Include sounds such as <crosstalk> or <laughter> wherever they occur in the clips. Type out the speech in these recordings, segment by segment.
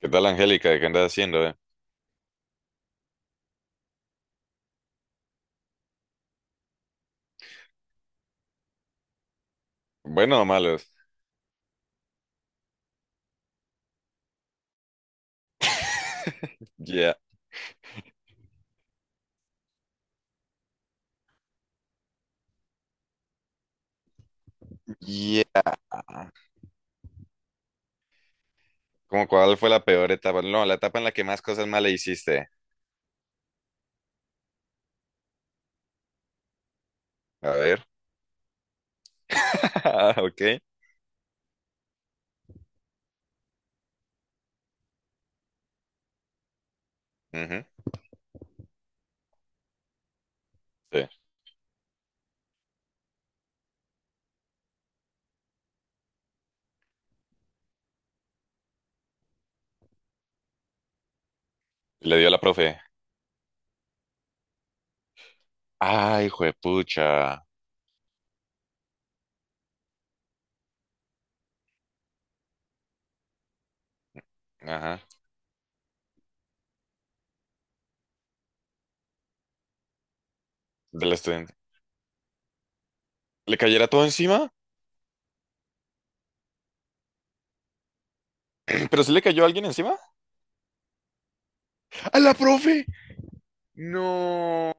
¿Qué tal, Angélica? ¿Qué andas haciendo? ¿Eh? ¿Bueno o malos? <laughs> Ya, ya. ¿Cómo cuál fue la peor etapa? No, la etapa en la que más cosas malas hiciste. A ver. <laughs> Ah, ok. Ujú. Sí. Le dio a la profe. Ay, juepucha. Ajá. Del estudiante. ¿Le cayera todo encima? <clears throat> ¿Pero sí le cayó alguien encima? ¡A la profe! No.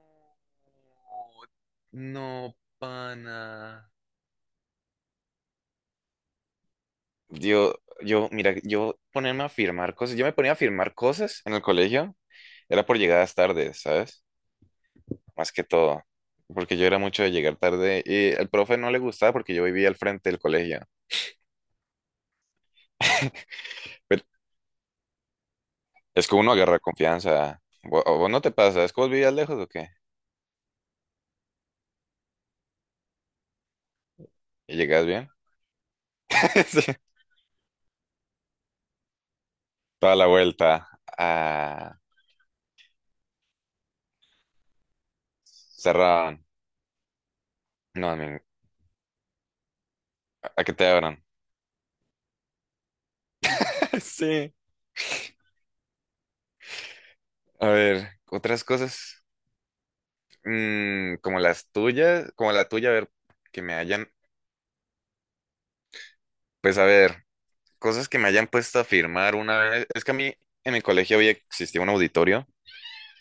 No, pana. Yo, yo, mira, yo ponerme a firmar cosas, yo me ponía a firmar cosas en el colegio, era por llegadas tardes, ¿sabes? Más que todo, porque yo era mucho de llegar tarde y el profe no le gustaba porque yo vivía al frente del colegio. Pero es que uno agarra confianza. ¿Vo- ¿O ¿Vos, no te pasa? ¿Es que vos vivías lejos o qué? ¿Y llegas bien? <laughs> Sí. Toda la vuelta a... cerraban. No, a que te abran. <laughs> Sí. A ver, otras cosas. Como las tuyas, como la tuya, a ver, que me hayan, pues a ver, cosas que me hayan puesto a firmar una vez. Es que a mí en el colegio había existía un auditorio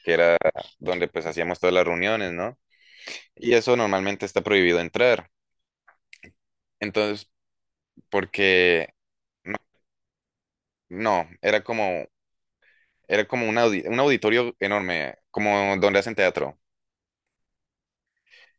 que era donde pues hacíamos todas las reuniones, ¿no? Y eso normalmente está prohibido entrar. Entonces, porque no, no, era como un auditorio enorme, como donde hacen teatro.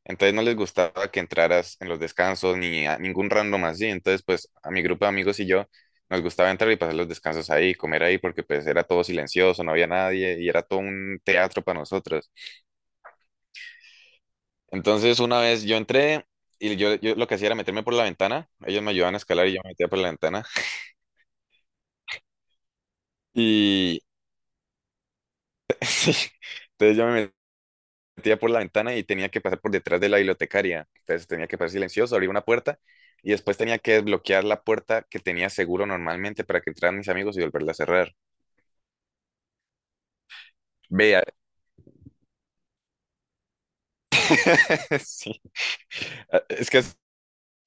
Entonces no les gustaba que entraras en los descansos ni a ningún random así. Entonces, pues a mi grupo de amigos y yo nos gustaba entrar y pasar los descansos ahí, comer ahí, porque pues era todo silencioso, no había nadie y era todo un teatro para nosotros. Entonces, una vez yo entré y yo lo que hacía era meterme por la ventana. Ellos me ayudaban a escalar y yo me metía por la ventana. Y <laughs> sí, entonces yo me metía por la ventana y tenía que pasar por detrás de la bibliotecaria. Entonces tenía que pasar silencioso, abrir una puerta y después tenía que desbloquear la puerta que tenía seguro normalmente para que entraran mis amigos y volverla a cerrar. Vea, <laughs> sí, ah, es que así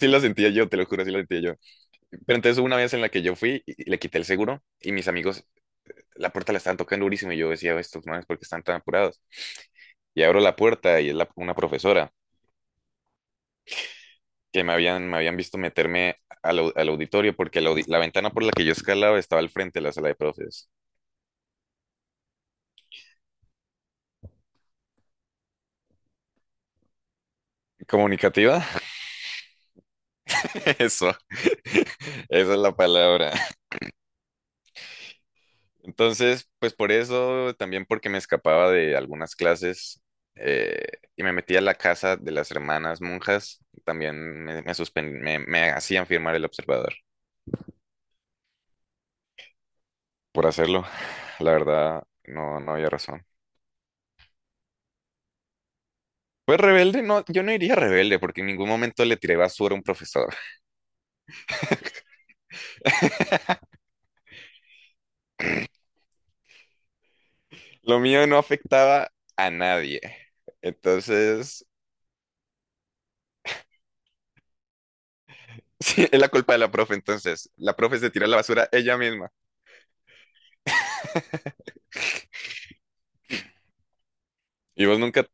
lo sentía yo, te lo juro, así lo sentía yo. Pero entonces hubo una vez en la que yo fui y le quité el seguro y mis amigos la puerta la estaban tocando durísimo y yo decía, estos manes, ¿por qué están tan apurados? Y abro la puerta y una profesora. Que me habían visto meterme al auditorio porque la ventana por la que yo escalaba estaba al frente de la sala de profes. ¿Comunicativa? <laughs> Eso. <laughs> Esa es la palabra. Entonces, pues por eso, también porque me escapaba de algunas clases eh, y me metía a la casa de las hermanas monjas, también me hacían firmar el observador por hacerlo. La verdad, no, no había razón. Pues rebelde, no, yo no iría rebelde porque en ningún momento le tiré basura a un profesor. Lo mío no afectaba a nadie. Entonces, <laughs> sí, es la culpa de la profe. Entonces, la profe se tira a la basura ella misma. ¿Y vos nunca,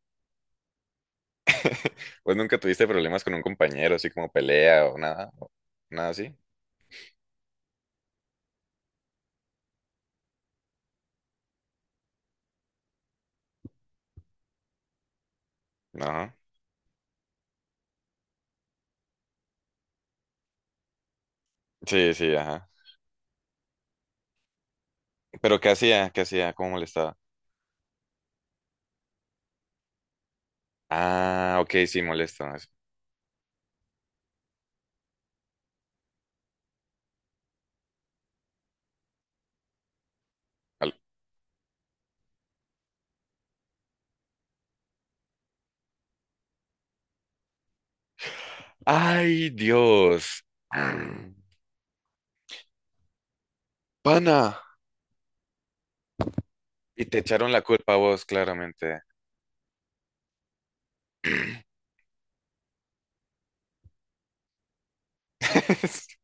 vos nunca tuviste problemas con un compañero, así como pelea o nada? ¿O nada así? No. Sí, sí, ajá. ¿Pero qué hacía? ¿Qué hacía? ¿Cómo molestaba? Ah, ok, sí, molesto. Al- Ay, Dios. <clears throat> Mm. Pana. Y te echaron la culpa a vos, claramente. <laughs>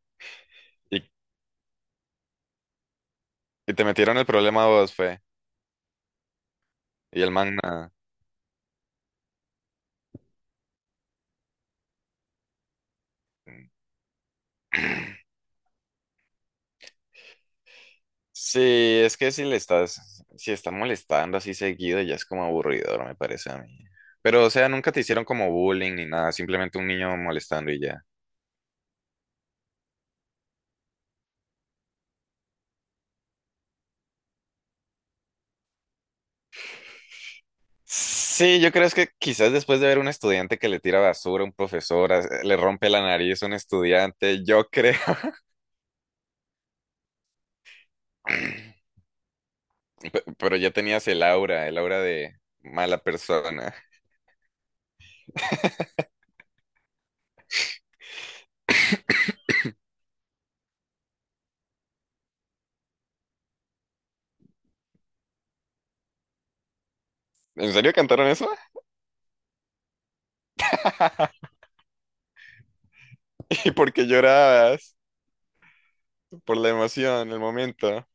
Y, y te metieron el problema a vos, fue. Y el man nada. Sí, es que si está molestando así seguido, ya es como aburridor, me parece a mí. Pero, o sea, nunca te hicieron como bullying ni nada, simplemente un niño molestando y ya. Sí, yo creo es que quizás después de ver un estudiante que le tira basura a un profesor, le rompe la nariz a un estudiante, yo creo. <laughs> <clears throat> Pero ya tenías el aura de mala persona. ¿En serio cantaron eso? <laughs> ¿Y por qué llorabas? Por la emoción, el momento.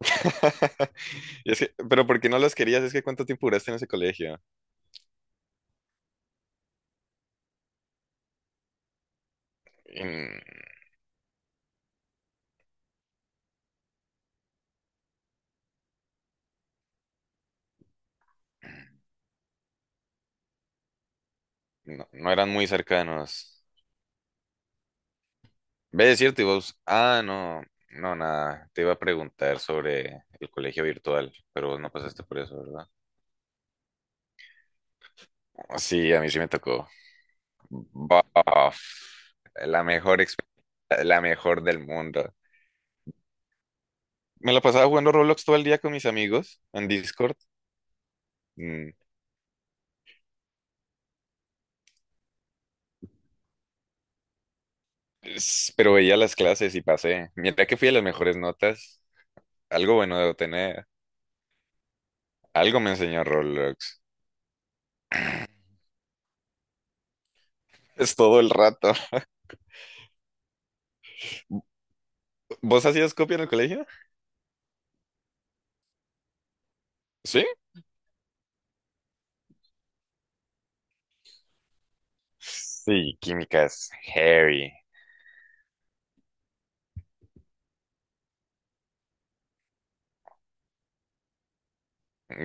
<laughs> Y es que, pero ¿por qué no los querías? Es que ¿cuánto tiempo duraste en ese colegio? Y no, no eran muy cercanos. Ve, es cierto, y vos, ah, no, no, nada, te iba a preguntar sobre el colegio virtual, pero vos no pasaste por eso, ¿verdad? Sí, a mí sí me tocó. Baf, la mejor, exp- la mejor del mundo. Me la pasaba jugando Roblox todo el día con mis amigos en Discord, mm, pero veía las clases y pasé. Mientras que fui a las mejores notas, algo bueno debo tener. Algo me enseñó Roblox. Es todo el rato. ¿Vos hacías copia en el colegio? ¿Sí? Sí, química es heavy.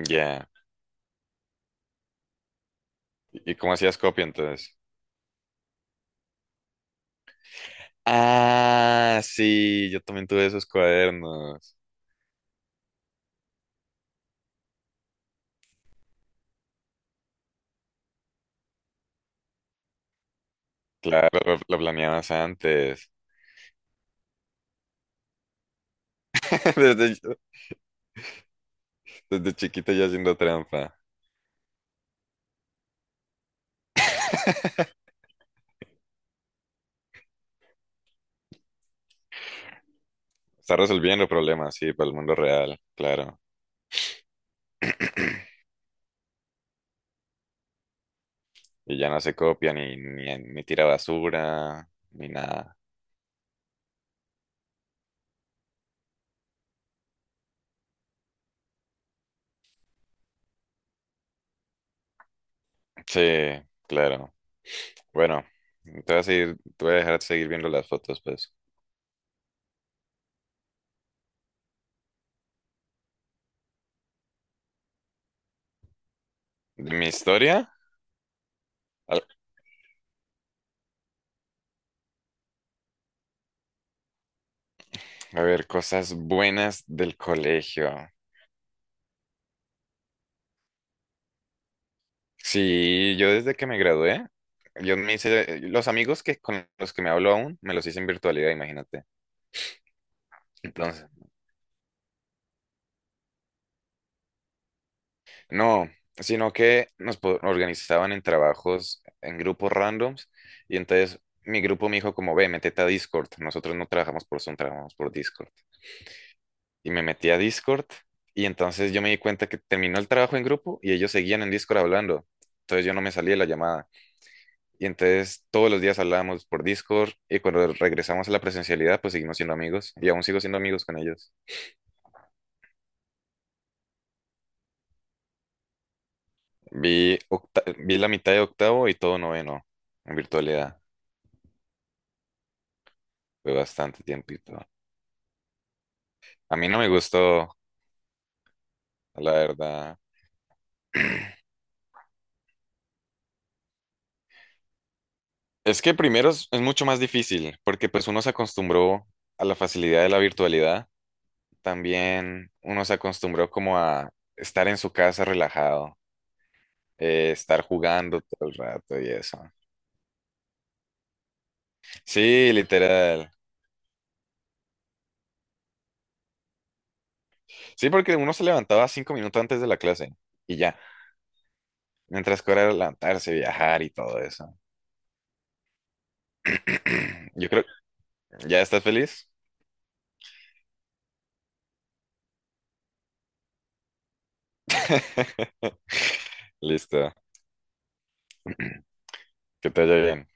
Ya. ¿Y cómo hacías copia entonces? Ah, sí, yo también tuve esos cuadernos. Claro, lo planeabas antes. <laughs> Desde, desde chiquito ya haciendo trampa. <laughs> Está resolviendo problemas, sí, para el mundo real, claro. Y ya no se copia ni tira basura, ni nada. Sí, claro. Bueno, te voy a dejar seguir viendo las fotos, pues. ¿De mi historia? A a ver, cosas buenas del colegio. Sí, yo desde que me gradué, yo me hice, los amigos que con los que me hablo aún, me los hice en virtualidad, imagínate. Entonces, no, sino que nos organizaban en trabajos en grupos randoms y entonces mi grupo me dijo como, ve, métete a Discord. Nosotros no trabajamos por Zoom, trabajamos por Discord. Y me metí a Discord y entonces yo me di cuenta que terminó el trabajo en grupo y ellos seguían en Discord hablando. Entonces yo no me salí de la llamada. Y entonces todos los días hablábamos por Discord y cuando regresamos a la presencialidad pues seguimos siendo amigos y aún sigo siendo amigos con ellos. Vi la mitad de octavo y todo noveno en virtualidad. Fue bastante tiempito. A mí no me gustó, la verdad. Es que primero es mucho más difícil porque pues uno se acostumbró a la facilidad de la virtualidad. También uno se acostumbró como a estar en su casa relajado, estar jugando todo el rato y eso. Sí, literal. Sí, porque uno se levantaba 5 minutos antes de la clase y ya. Mientras que ahora era levantarse, viajar y todo eso. <clears throat> Yo creo, ¿ya estás feliz? Listo. <clears throat> Que te vaya bien.